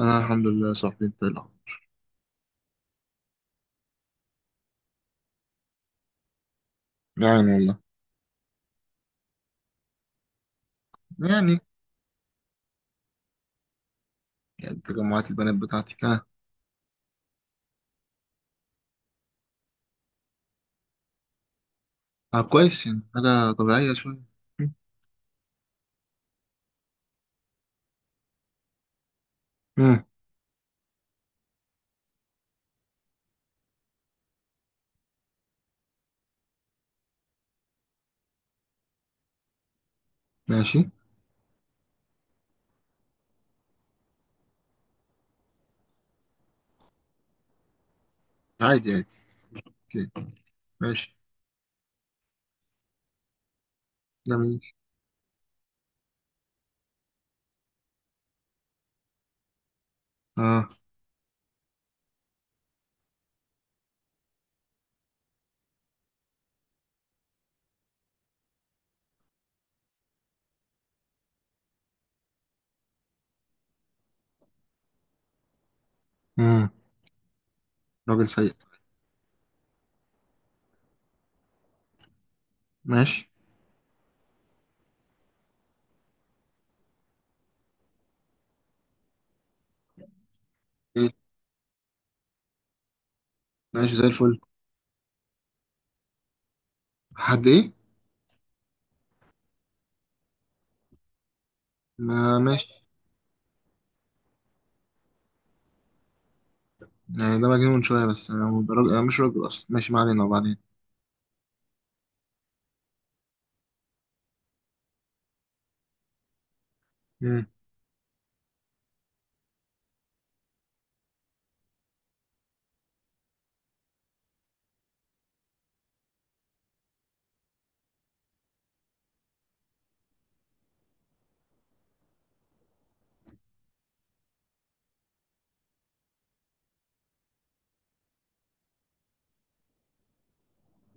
انا الحمد لله يا صاحبي. انت إيه الاخبار؟ يعني والله يعني يعني تجمعات البنات بتاعتي كان... آه، كويس. يعني حاجة طبيعية شوية. امم. ماشي. عادي عادي. اوكي. ماشي. جميل. اه. امم. راجل سيء. ماشي. ايه، ماشي زي الفل. حد ايه؟ ما ماشي. يعني ده مجنون شوية، بس انا، هو ده راجل؟ انا مش راجل اصلا. ماشي، ما علينا. وبعدين؟ امم.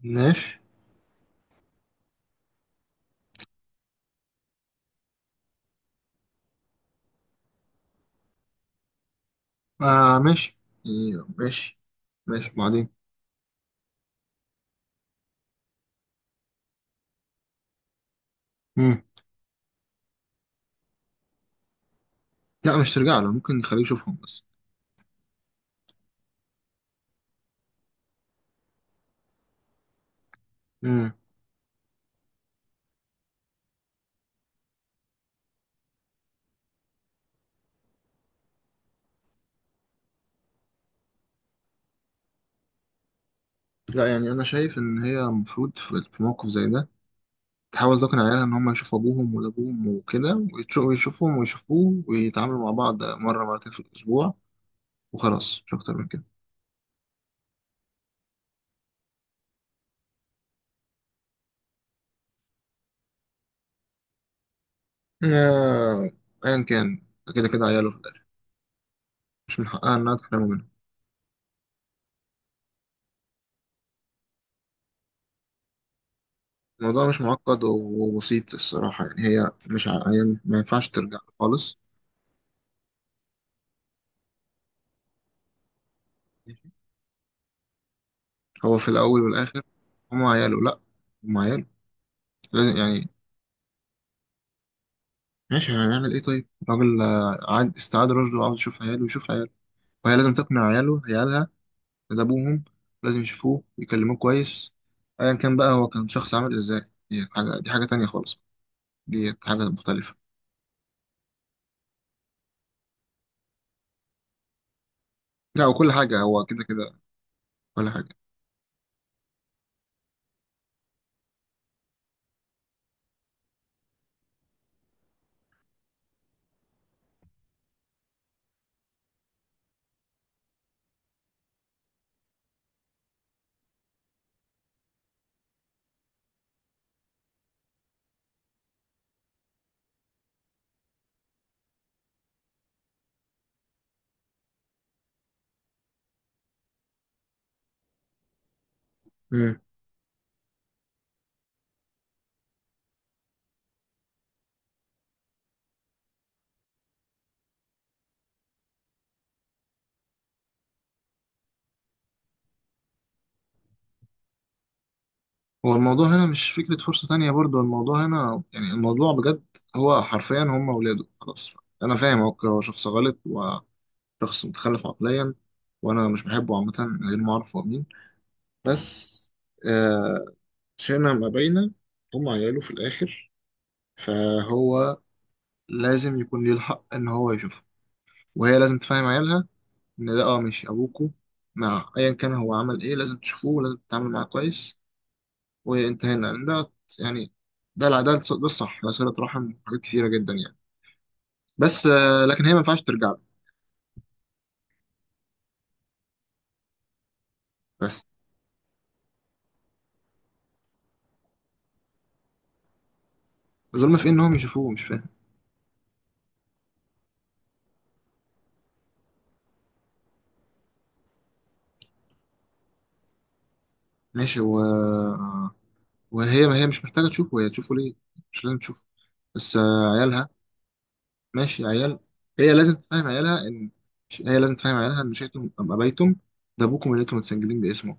ماشي. آه ماشي. إيه، ماشي. ماشي وبعدين؟ امم. لا مش ترجع له، ممكن نخليه يشوفهم بس. لا، يعني انا شايف ان هي المفروض في موقف زي ده تحاول تقنع عيالها ان هم يشوفوا ابوهم، وابوهم وكده، ويشوفهم ويشوفوه ويتعاملوا مع بعض مره مرتين في الاسبوع. وخلاص، مش اكتر من كده. آه، ايا كان. كده كده عياله في الاخر، مش من حقها انها تحرمه منه. الموضوع مش معقد وبسيط الصراحه. يعني هي مش ع... هي ما ينفعش ترجع له خالص. هو في الاول والاخر هم عياله. لا، هم عياله، لازم يعني. ماشي، هنعمل ايه؟ طيب راجل، آه، عاد استعاد رشده وعاوز يشوف عياله، يشوف عياله. وهي لازم تقنع عيالها إن ده أبوهم، لازم يشوفوه ويكلموه كويس. أيا كان بقى هو كان شخص عامل إزاي، دي حاجة، دي حاجة تانية خالص. دي حاجة مختلفة. لا، وكل حاجة هو كده كده، كل حاجة. مم. هو الموضوع هنا مش فكرة فرصة تانية برضو. الموضوع هنا يعني الموضوع بجد. هو حرفيا هم ولاده، خلاص. أنا فاهم هو شخص غلط وشخص متخلف عقليا، وأنا مش بحبه عامة من غير ما أعرف هو مين. بس آه، شئنا ما بينا، هم عياله في الآخر. فهو لازم يكون ليه الحق ان هو يشوفها. وهي لازم تفهم عيالها ان ده، اه، ماشي ابوكو. مع ايا كان هو عمل ايه، لازم تشوفوه ولازم تتعامل معاه كويس. وانتهينا لان ده يعني ده الصح، ده صلة رحم وحاجات كثيرة جدا يعني. بس آه، لكن هي ما ينفعش ترجع له. بس الظلم في إيه؟ ان هم يشوفوه؟ مش فاهم. ماشي، و... وهي، ما هي مش محتاجة تشوفه، هي تشوفه ليه؟ مش لازم تشوفه. بس آه، عيالها. ماشي، عيال. هي لازم تفهم عيالها ان هي لازم تفهم عيالها ان شئتم ام ابيتم، ده ابوكم اللي انتم متسجلين باسمه،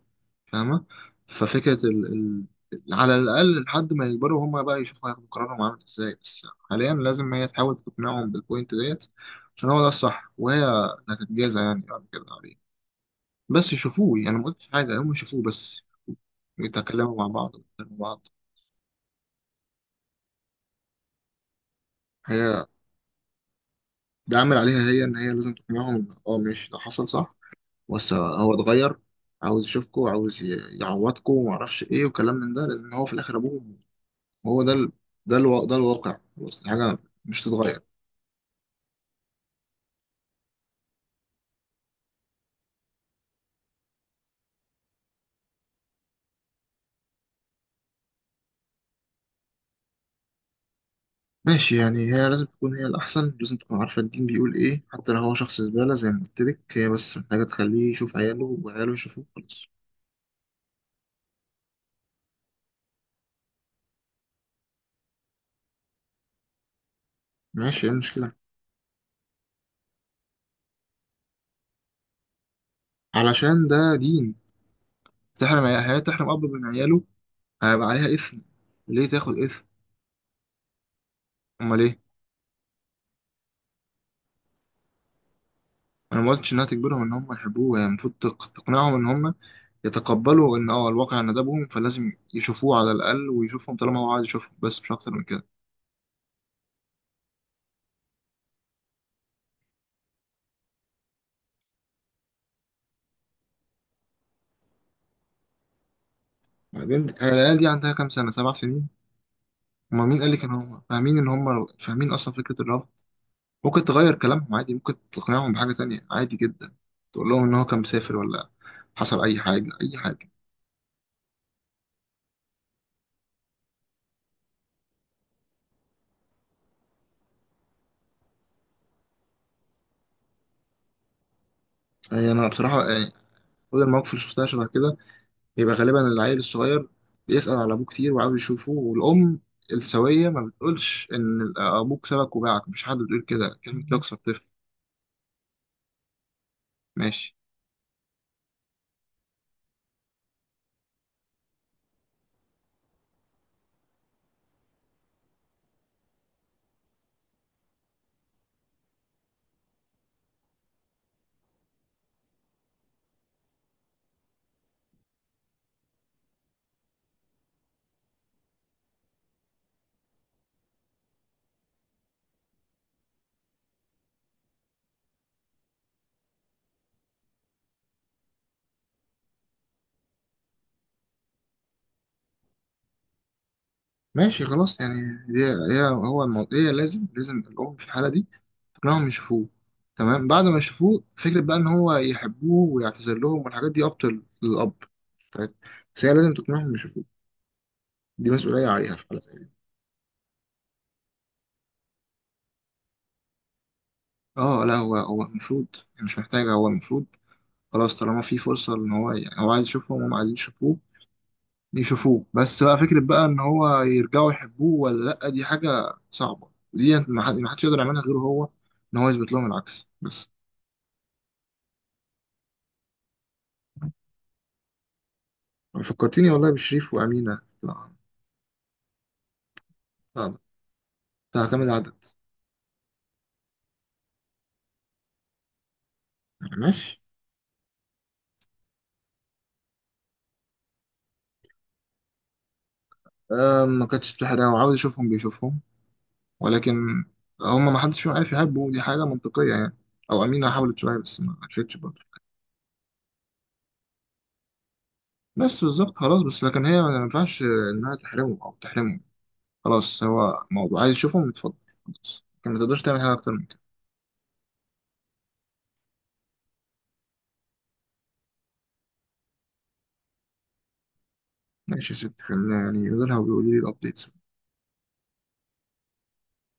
فاهمه؟ ففكره على الاقل لحد ما يكبروا، هما بقى يشوفوا، هياخدوا قرارهم عامل ازاي. بس حاليا لازم هي تحاول تقنعهم بالبوينت ديت، عشان هو ده الصح. وهي هتتجازى يعني بعد كده عليه. بس يشوفوه، يعني ما قلتش حاجه، هم يشوفوه بس ويتكلموا مع بعض، ويتكلموا مع بعض. هي ده عامل عليها هي ان هي لازم تقنعهم إن، اه، ماشي ده حصل، صح. بص، هو اتغير، عاوز يشوفكم وعاوز يعوضكم ومعرفش ايه وكلام من ده، لان هو في الاخر ابوه. هو ده الواقع، خلاص، دي حاجه مش تتغير. ماشي، يعني هي لازم تكون هي الاحسن، لازم تكون عارفه الدين بيقول ايه، حتى لو هو شخص زباله زي ما قلت لك. هي بس محتاجه تخليه يشوف عياله وعياله يشوفوه، خلاص. ماشي، ايه المشكله؟ علشان ده دين. هي تحرم اب من عياله؟ هيبقى عليها اثم، ليه تاخد اثم؟ امال ايه؟ انا ما قلتش انها تجبرهم ان هم يحبوه. هي المفروض تقنعهم ان هم يتقبلوا ان، اه، الواقع ندبهم، فلازم يشوفوه على الاقل، ويشوفهم طالما هو عايز يشوفهم. بس مش اكتر من كده. بعدين هي العيال دي عندها كام سنه؟ 7 سنين. هما مين قال لك ان هم فاهمين؟ اصلا فكره الرفض ممكن تغير كلامهم عادي. ممكن تقنعهم بحاجه تانية عادي جدا. تقول لهم ان هو كان مسافر، ولا حصل اي حاجه، اي حاجه. يعني انا بصراحه يعني كل المواقف اللي شفتها شبه كده، يبقى غالبا العيل الصغير بيسال على ابوه كتير وعاوز يشوفه. والام السويه ما بتقولش ان ابوك سبك وباعك، مش حد بيقول كده، كلمه يكسر. ماشي. ماشي خلاص يعني. دي هي، هو الموضوع، هي لازم الأم في الحالة دي تقنعهم يشوفوه. تمام، بعد ما يشوفوه فكرة بقى إن هو يحبوه ويعتذر لهم والحاجات دي أبطل للأب. طيب. بس هي لازم تقنعهم يشوفوه، دي مسؤولية عليها في حالة زي دي. اه لا، هو المفروض، مش محتاجة هو المفروض. خلاص طالما في فرصة إن هو، يعني هو عايز يشوفهم وهم عايزين يشوفوه، يشوفوه بس. بقى فكرة بقى ان هو يرجعوا يحبوه ولا لأ، دي حاجة صعبة، ودي ما حدش يقدر يعملها غيره هو، ان هو يثبت لهم العكس بس. فكرتيني والله بشريف وأمينة. لا. لا بتاع كام العدد؟ ماشي. أم، ما كانتش بتحرق، وعاوز يشوفهم بيشوفهم. ولكن هم ما حدش فيهم عارف يحبه، دي حاجة منطقية يعني. او أمينة حاولت شوية، بس ما عرفتش برضه. بس بالظبط، خلاص. بس لكن هي ما ينفعش انها تحرمه او تحرمه. خلاص هو موضوع عايز يشوفهم، يتفضل. خلاص لكن ما تقدرش تعمل حاجة اكتر. ماشي يا ست، خلينا يعني يقولوا لها ويقولوا لي الابديتس.